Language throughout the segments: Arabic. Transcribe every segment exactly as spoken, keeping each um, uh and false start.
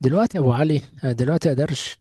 دلوقتي يا ابو علي، آه، دلوقتي يا درش.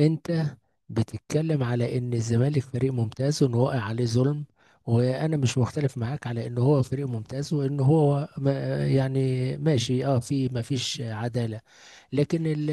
انت بتتكلم على ان الزمالك فريق ممتاز وان وقع عليه ظلم، وانا مش مختلف معاك على ان هو فريق ممتاز وان هو ما آه، يعني ماشي، اه في ما فيش عدالة. لكن ال-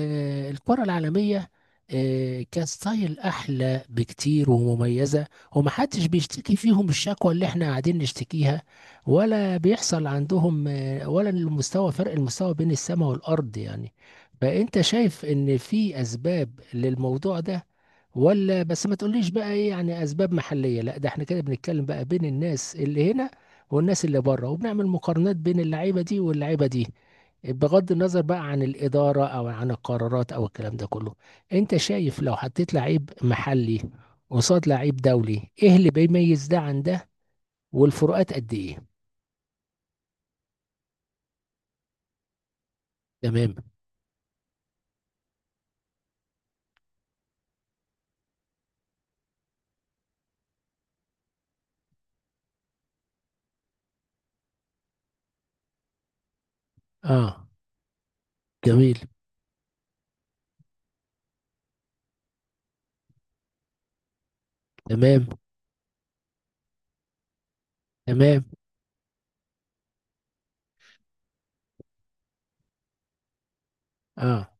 الكرة العالمية آه، كستايل أحلى بكتير ومميزة، ومحدش بيشتكي فيهم الشكوى اللي احنا قاعدين نشتكيها، ولا بيحصل عندهم، آه، ولا المستوى فرق المستوى بين السماء والأرض يعني. فأنت شايف إن في أسباب للموضوع ده؟ ولا بس، ما تقوليش بقى ايه يعني اسباب محلية، لا ده احنا كده بنتكلم بقى بين الناس اللي هنا والناس اللي بره، وبنعمل مقارنات بين اللعيبة دي واللعيبة دي، بغض النظر بقى عن الإدارة أو عن القرارات أو الكلام ده كله. أنت شايف لو حطيت لعيب محلي قصاد لعيب دولي، إيه اللي بيميز ده عن ده؟ والفروقات قد إيه؟ تمام. آه. جميل. تمام. تمام. آه.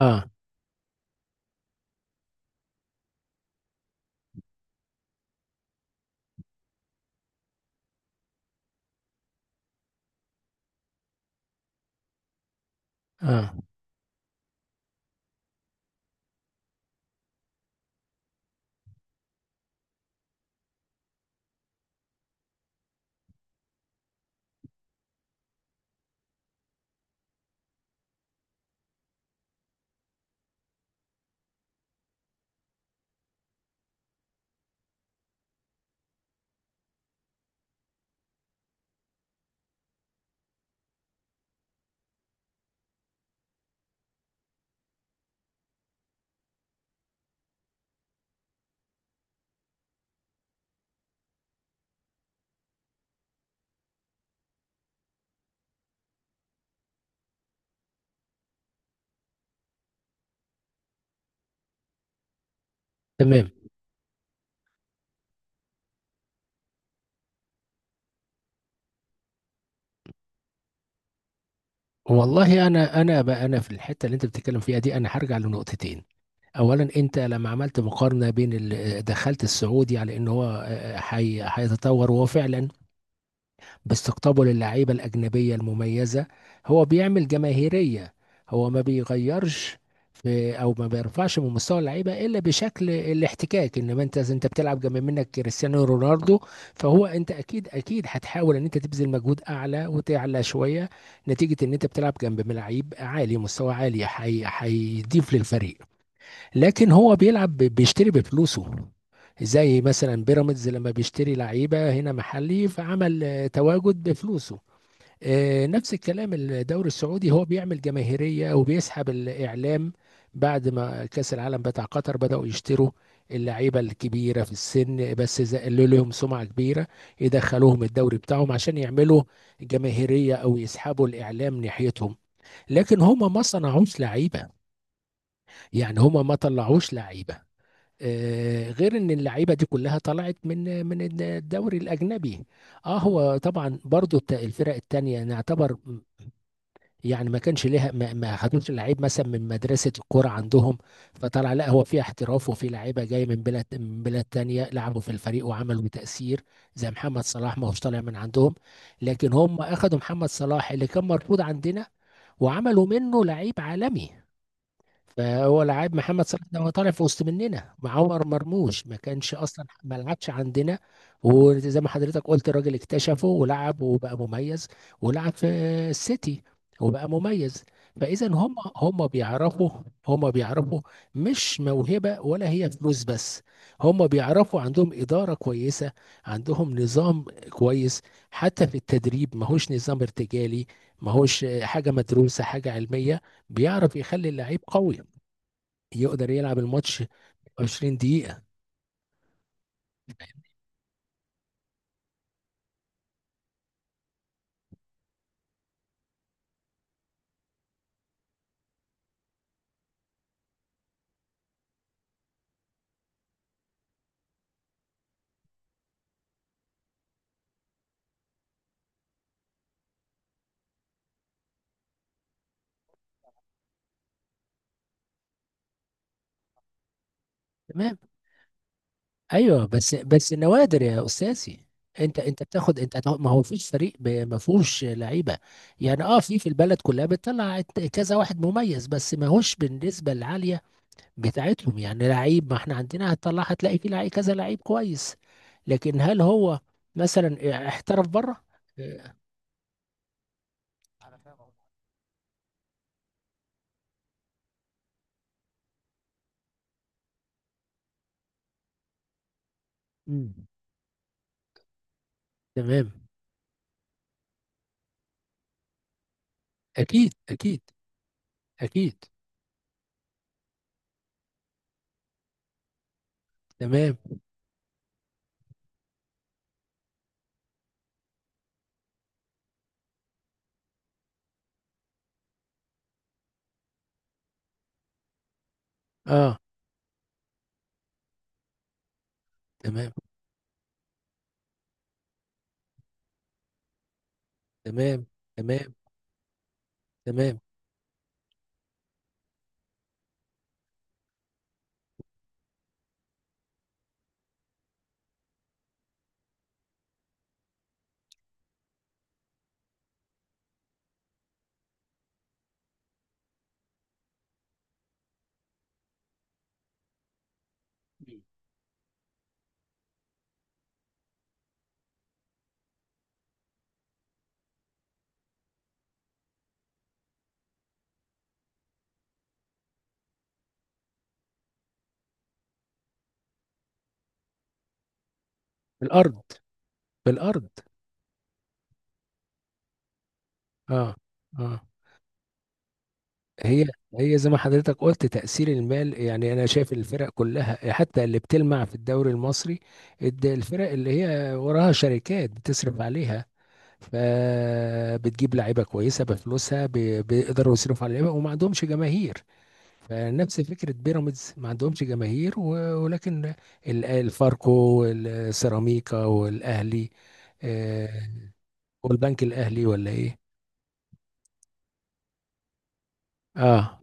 آه. آه. تمام. والله أنا أنا بقى، أنا في الحتة اللي أنت بتتكلم فيها دي أنا هرجع لنقطتين. اولا انت لما عملت مقارنه بين ال- دخلت السعودي على ان هو، آه، آه، هي- هيتطور، وهو فعلا باستقطابه للعيبة الأجنبية المميزة هو بيعمل جماهيرية. هو ما بيغيرش في أو ما بيرفعش من مستوى اللعيبة إلا بشكل الاحتكاك، إنما أنت أنت بتلعب جنب منك كريستيانو رونالدو، فهو أنت أكيد أكيد هتحاول إن أنت تبذل مجهود أعلى وتعلى شوية نتيجة إن أنت بتلعب جنب لعيب عالي، مستوى عالي هي- هيضيف للفريق. لكن هو بيلعب ب- بيشتري بفلوسه. زي مثلا بيراميدز لما بيشتري لعيبه هنا محلي، فعمل آه، تواجد بفلوسه. آه، نفس الكلام الدوري السعودي هو بيعمل جماهيريه وبيسحب الاعلام. بعد ما كاس العالم بتاع قطر بداوا يشتروا اللعيبه الكبيره في السن، بس زقلوا لهم سمعه كبيره يدخلوهم الدوري بتاعهم عشان يعملوا جماهيريه او يسحبوا الاعلام ناحيتهم. لكن هما ما صنعوش لعيبه، يعني هما ما طلعوش لعيبه آه، غير ان اللعيبه دي كلها طلعت من من الدوري الاجنبي. اه هو طبعا برضو الت- الفرق التانية نعتبر م- يعني ما كانش ليها ما, ما خدوش لعيب مثلا من مدرسه الكوره عندهم، فطلع لا هو في احتراف وفي لعيبه جاي من بلاد، من بلاد تانية لعبوا في الفريق وعملوا تاثير. زي محمد صلاح ما هوش طالع من عندهم، لكن هم اخذوا محمد صلاح اللي كان مرفوض عندنا وعملوا منه لعيب عالمي. فهو لعيب محمد صلاح ده هو طالع في وسط مننا. مع عمر مرموش ما كانش اصلا، ما لعبش عندنا. وزي ما حضرتك قلت، الراجل اكتشفه ولعب وبقى مميز، ولعب في السيتي وبقى مميز. فاذا هم هم بيعرفوا، هم بيعرفوا مش موهبه ولا هي فلوس بس. هم بيعرفوا، عندهم اداره كويسه، عندهم نظام كويس، حتى في التدريب ماهوش نظام ارتجالي، ماهوش حاجه، مدروسه، حاجه علميه. بيعرف يخلي اللعيب قوي يقدر يلعب الماتش عشرين دقيقة. تمام. ايوه بس بس نوادر يا استاذي. انت انت بتاخد، انت هتاخد- ما هو فيش فريق ب- ما فيهوش لعيبه، يعني اه في في البلد كلها بتطلع ات- كذا واحد مميز، بس ما هوش بالنسبه العاليه بتاعتهم. يعني لعيب، ما احنا عندنا هتطلع، هتلاقي في لعيب كذا لعيب كويس، لكن هل هو مثلا احترف بره؟ آه. مم. تمام. اكيد اكيد. اكيد. تمام. اه. تمام. تمام. تمام. تمام. بالأرض، بالأرض. اه. اه. هي هي زي ما حضرتك قلت، تأثير المال. يعني أنا شايف الفرق كلها حتى اللي بتلمع في الدوري المصري، الد- الفرق اللي هي وراها شركات بتصرف عليها، فبتجيب لعيبة كويسة بفلوسها، ب- بيقدروا يصرفوا على اللعيبة وما عندهمش جماهير. فنفس فكرة بيراميدز ما عندهمش جماهير، و- ولكن ال- الفاركو والسيراميكا والأهلي، آه، والبنك الاهلي، ولا ايه. اه.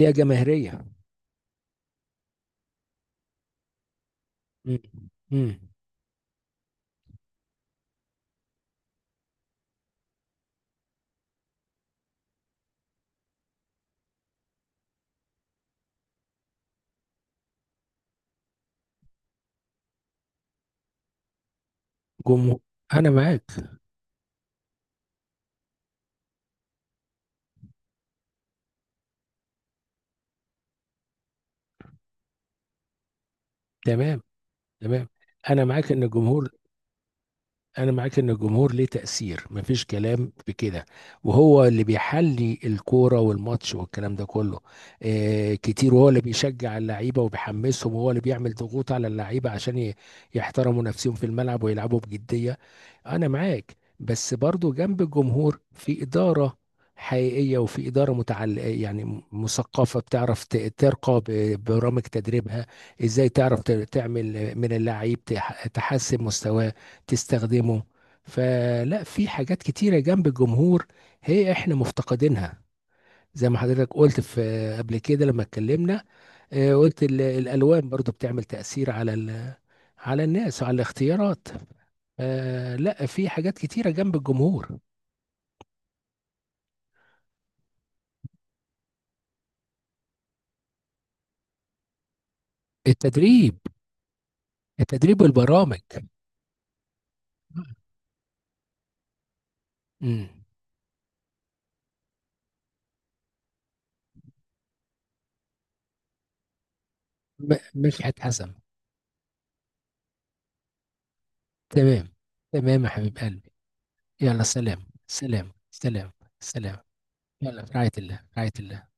ليها جماهيريه. امم. امم. جمهور. انا معاك. تمام. تمام. انا معاك ان الجمهور، انا معاك ان الجمهور ليه تأثير مفيش كلام في كده، وهو اللي بيحلي الكورة والماتش والكلام ده كله آه كتير، وهو اللي بيشجع اللعيبة وبيحمسهم، وهو اللي بيعمل ضغوط على اللعيبة عشان ي- يحترموا نفسهم في الملعب ويلعبوا بجدية. انا معاك، بس برضو جنب الجمهور في إدارة حقيقية، وفي إدارة متعل، يعني م- مثقفة بتعرف ت- ترقى ب- برامج تدريبها، ازاي تعرف ت- تعمل من اللعيب تح- تحسن مستواه، تستخدمه. فلا، في حاجات كتيرة جنب الجمهور هي احنا مفتقدينها. زي ما حضرتك قلت في، قبل كده لما اتكلمنا، آه، قلت ال- الالوان برضو بتعمل تأثير على ال- على الناس وعلى الاختيارات. آه، لا، في حاجات كتيرة جنب الجمهور، التدريب التدريب والبرامج. امم. مدحت حسن. تمام. تمام يا حبيب قلبي. يلا، سلام سلام سلام. سلام. يلا، في رعاية الله، في رعاية الله.